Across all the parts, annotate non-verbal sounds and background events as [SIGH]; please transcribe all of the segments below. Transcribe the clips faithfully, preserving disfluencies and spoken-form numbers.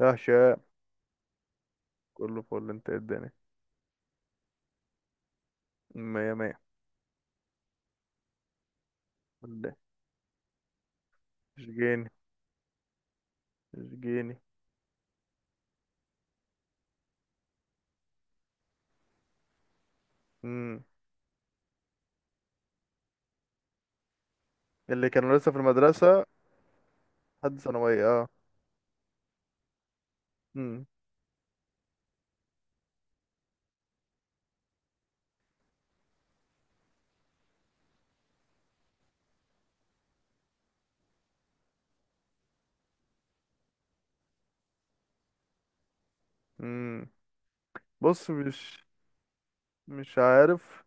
يا هشام، كله فل. انت ايه الدنيا؟ مية مية. اللي مش جيني مش جيني مم. اللي كانوا لسه في المدرسة؟ حد ثانوية اه. مم. مم. بص، مش مش عارف،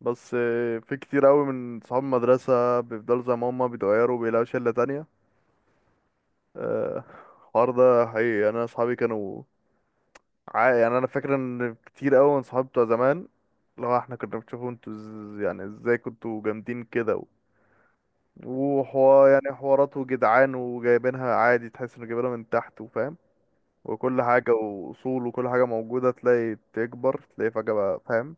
بس آه، في كتير قوي من صحاب المدرسة بيفضلوا زي ما هما بيتغيروا وبيلاقوا شلة تانية. آه، الحوار ده حقيقي، يعني انا اصحابي كانوا عا- يعني انا فاكر ان كتير قوي من صحابي بتوع زمان، لو احنا كنا بنشوفوا انتوا إز- يعني ازاي كنتوا جامدين كده وحوار، يعني حواراته جدعان وجايبينها عادي، تحس انه جايبينها من تحت وفاهم وكل حاجة وأصول وكل حاجة موجودة. تلاقي تكبر، تلاقي فجأة بقى فاهم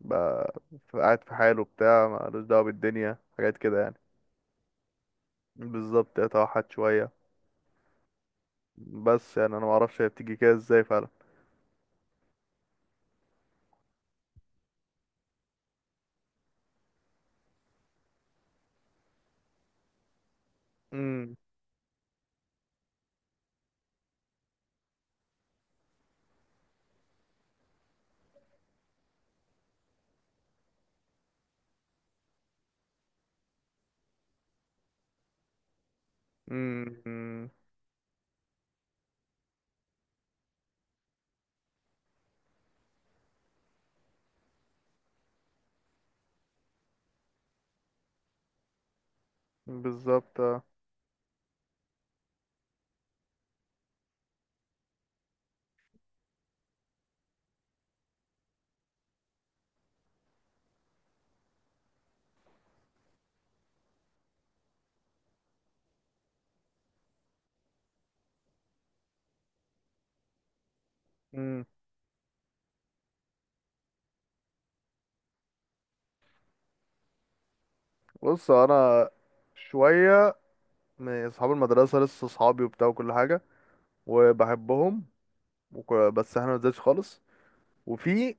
بقى ف- قاعد في حاله بتاع، مالوش دعوة بالدنيا حاجات كده يعني. بالظبط، اتوحد شوية. بس يعني أنا معرفش هي بتيجي كده ازاي فعلا. امم. امم. بالظبط اه. امم. بص أنا، شوية من أصحاب المدرسة لسه صحابي وبتاع وكل حاجة وبحبهم، وك- بس احنا مزاجش خالص. وفي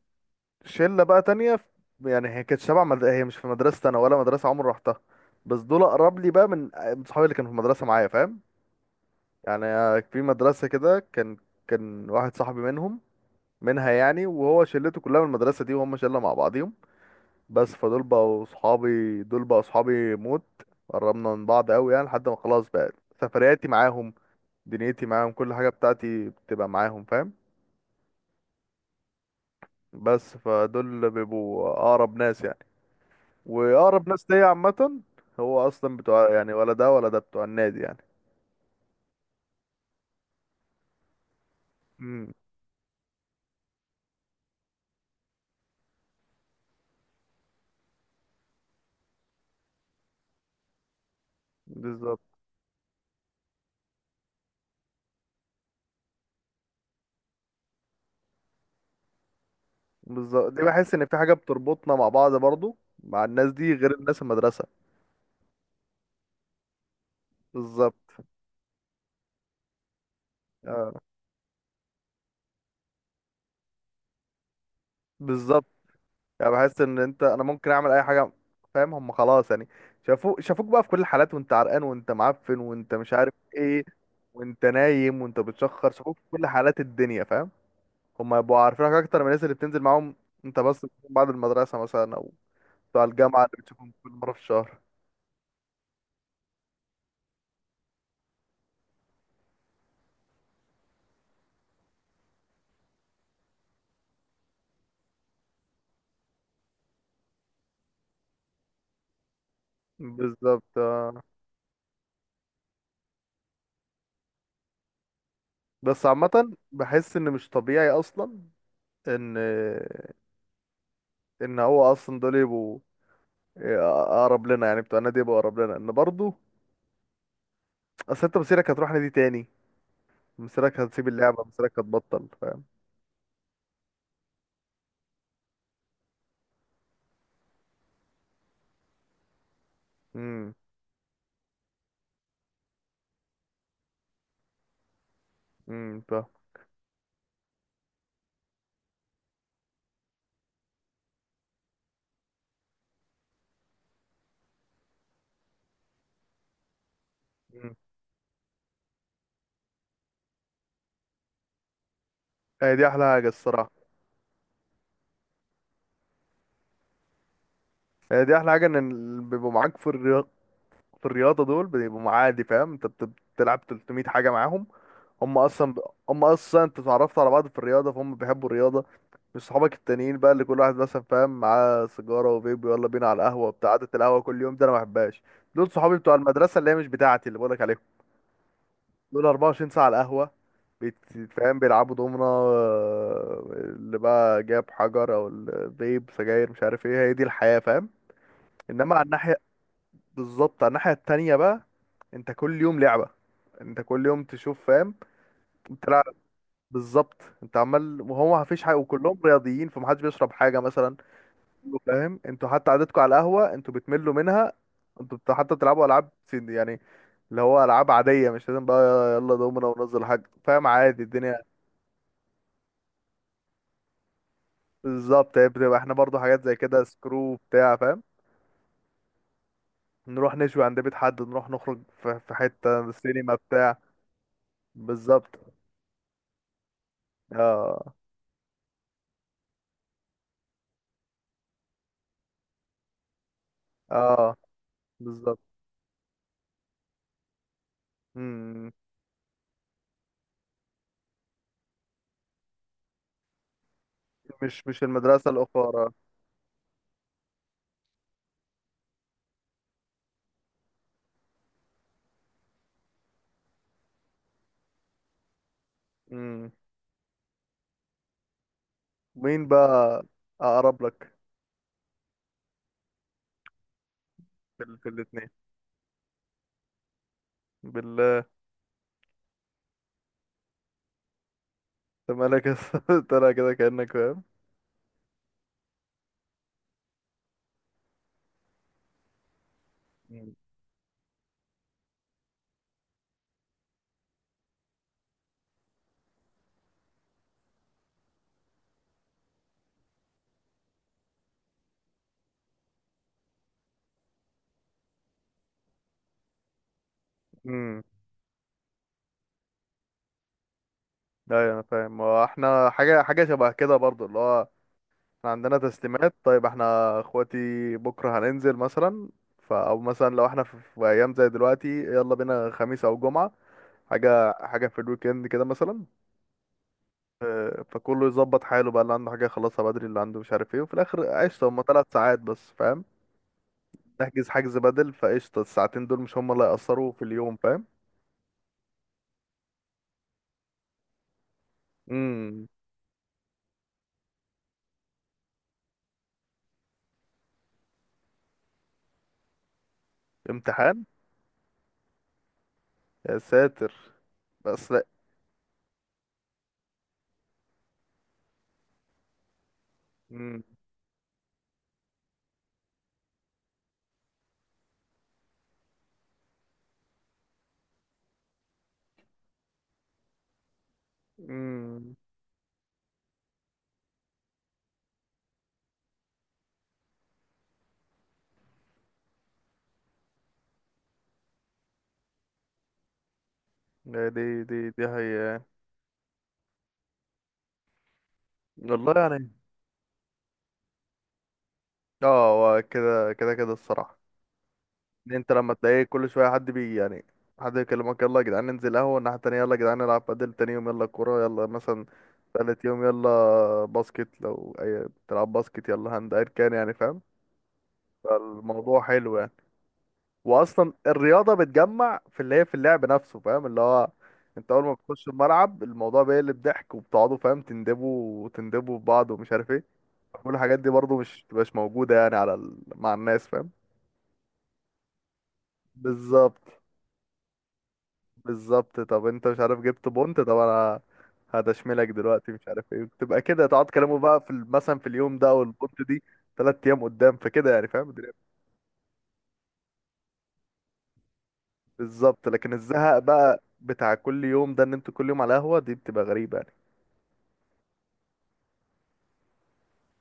شله بقى تانية في، يعني هي كانت شبه مد... هي مش في مدرسه انا، ولا مدرسه عمري رحتها، بس دول اقرب لي بقى من من صحابي اللي كانوا في المدرسه معايا، فاهم؟ يعني آه، في مدرسه كده، كان كان واحد صاحبي منهم منها يعني، وهو شلته كلها من المدرسه دي، وهم شله مع بعضيهم. بس فدول بقوا صحابي، دول بقوا صحابي موت. قربنا من بعض قوي، يعني لحد ما خلاص بقى سفرياتي معاهم، دنيتي معاهم، كل حاجه بتاعتي بتبقى معاهم فاهم. بس فدول بيبقوا اقرب ناس يعني، واقرب ناس ليا عامه. هو اصلا بتوع، يعني ولا ده ولا ده بتوع النادي يعني. امم. بالظبط. بالظبط، دي بحس ان في حاجه بتربطنا مع بعض برضو، مع الناس دي غير الناس المدرسه. بالظبط اه. بالظبط، يعني بحس ان انت انا ممكن اعمل اي حاجه، فاهم؟ هم خلاص يعني شافوك، شافوك بقى في كل الحالات، وانت عرقان وانت معفن وانت مش عارف ايه، وانت نايم وانت بتشخر، شافوك في كل حالات الدنيا فاهم. هم يبقوا عارفينك اكتر من الناس اللي بتنزل معاهم انت، بس بعد المدرسه مثلا او بتاع الجامعة، اللي بتشوفهم كل مرة في الشهر. بالظبط آه. بس عامة بحس ان مش طبيعي اصلا، ان ان هو اصلا دول يبقوا آه، اقرب لنا يعني، بتوع النادي يبقوا اقرب لنا ان برضه. اصل انت مصيرك هتروح نادي تاني، مصيرك هتسيب اللعبة، مصيرك هتبطل فاهم. امم. امم فاهم. مم. هي دي احلى حاجة الصراحة. هي دي احلى حاجة، ان اللي بيبقوا معاك في الرياضة، في الرياضة دول بيبقوا معادي فاهم. انت بت- بتلعب تلت ميه حاجة معاهم. هم اصلا ب... هم اصلا انت اتعرفت على بعض في الرياضه، فهم بيحبوا الرياضه، مش صحابك التانيين بقى اللي كل واحد مثلا فاهم معاه سيجاره وفيب، يلا بينا على القهوه بتاع، قعده القهوه كل يوم ده انا ما بحبهاش. دول صحابي بتوع المدرسه اللي هي مش بتاعتي اللي بقولك عليهم. دول اربع وعشرين ساعه على القهوه، بيت- فاهم بيلعبوا دومنا، آه، اللي بقى جاب حجر او ال- فيب سجاير، مش عارف ايه، هي دي الحياه فاهم. انما على الناحيه، بالظبط على الناحيه التانيه بقى، انت كل يوم لعبه، انت كل يوم تشوف فاهم. انت بالظبط، انت عمال وهو ما فيش حاجه، وكلهم رياضيين فمحدش بيشرب حاجه مثلا، فاهم؟ انتوا حتى قعدتكم على القهوه انتوا بتملوا منها. انتوا بت- حتى بتلعبوا العاب سن- يعني اللي هو العاب عاديه، مش لازم بقى يلا دومنا وننزل حاجه، فاهم؟ عادي الدنيا. بالظبط هي بتبقى احنا برضو حاجات زي كده، سكرو بتاع فاهم. نروح نشوي عند بيت حد، نروح نخرج في في حته سينما بتاع. بالظبط اه. اه بالظبط. مم. مش مش المدرسه الاخرى. مين بقى اقرب لك؟ في، ال... في الاتنين بالله. انت مالك يا اسطى؟ [LAUGHS] طالع كده كأنك فاهم. مم. امم. ايوه انا فاهم، هو احنا حاجه حاجه شبه كده برضو اللي هو احنا عندنا تسليمات. طيب احنا اخواتي بكره هننزل مثلا، ف او مثلا لو احنا في، في ايام زي دلوقتي، يلا بينا خميس او جمعه، حاجه حاجه في الويكند كده مثلا. آه، فكله يظبط حاله بقى، اللي عنده حاجه يخلصها بدري، اللي عنده مش عارف ايه، وفي الاخر قشطه هما ثلاث ساعات بس فاهم. نحجز حجز بدل، فقشطة الساعتين دول مش هما اللي هيأثروا في اليوم، فاهم؟ امم. امتحان؟ يا ساتر. بس لا. امم. امم. لا، دي دي دي هي. والله يعني. اه، هو كده كده كده الصراحة. إن انت لما تلاقي كل شوية حد بي يعني، حد يكلمك يلا يا جدعان ننزل قهوة الناحية التانية، يلا يا جدعان نلعب بدل تاني يوم، يلا كورة يلا مثلا تالت يوم، يلا باسكت لو أي بتلعب باسكت، يلا هاند، أيا كان يعني فاهم. فالموضوع حلو يعني. واصلا الرياضه بتجمع في اللي هي في اللعب نفسه فاهم، اللي هو انت اول ما بتخش الملعب الموضوع بيقلب ضحك، وبتقعدوا فاهم تندبوا وتندبوا في بعض ومش عارف ايه. كل الحاجات دي برضو مش مش موجوده يعني على ال... مع الناس فاهم. بالظبط. بالظبط، طب انت مش عارف جبت بونت؟ طب انا هدشملك دلوقتي مش عارف ايه، تبقى كده تقعد تكلموا بقى في ال- مثلا في اليوم ده والبونت دي تلات ايام قدام، فكده يعني فاهم الدنيا. بالظبط. لكن الزهق بقى بتاع كل يوم ده، ان انتوا كل يوم على قهوه، دي بتبقى غريبه يعني.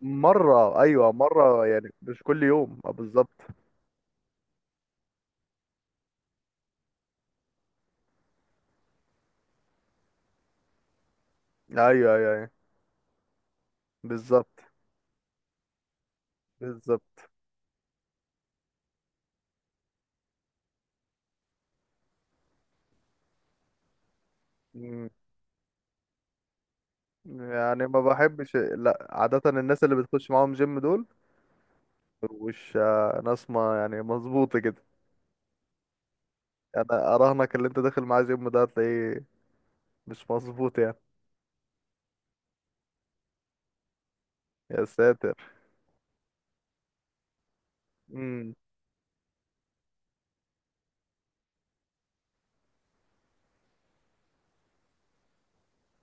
مرة أيوة، مرة يعني مش كل يوم آه، بالظبط. أيوة، أيوة، أيوة، بالظبط. بالظبط. مم. يعني ما بحبش لا عادة الناس اللي بتخش معاهم جيم دول، مش آه، ناس ما يعني مظبوطة كده. أنا أراهنك اللي أنت داخل معاه جيم ده هتلاقيه مش مظبوط يعني. يا ساتر. مم.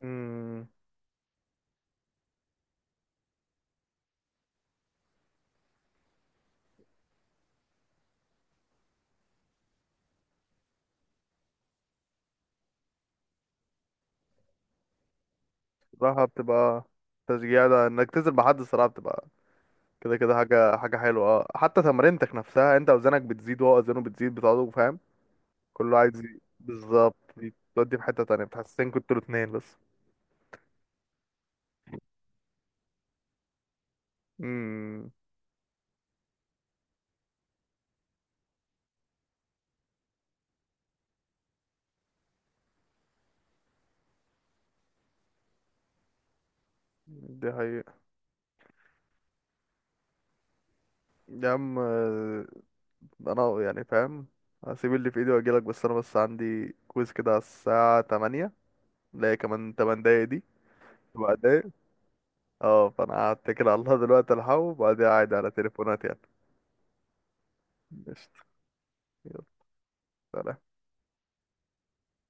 مم. صراحة بتبقى تشجيع ده، إنك تنزل مع حد الصراحة بتبقى كده كده حاجة حاجة حلوة اه، حتى تمرينتك نفسها، أنت أوزانك بتزيد وهو أوزانه بتزيد، بتقعدوا فاهم. كله عايز ي- بالظبط تودي في حتة تانية، بتحسسني كنتوا الاتنين بس. امم. دي حقيقة. يا عم آه، انا يعني فاهم، هسيب اللي في ايدي واجيلك. بس انا بس عندي كويز كده على الساعة تمانية، اللي هي كمان تمن دقايق دي. سبع دقايق. اه، فانا هتكل على الله دلوقتي الحق، وبعدين قاعد على تليفونات يعني. قشطة، يلا. سلام.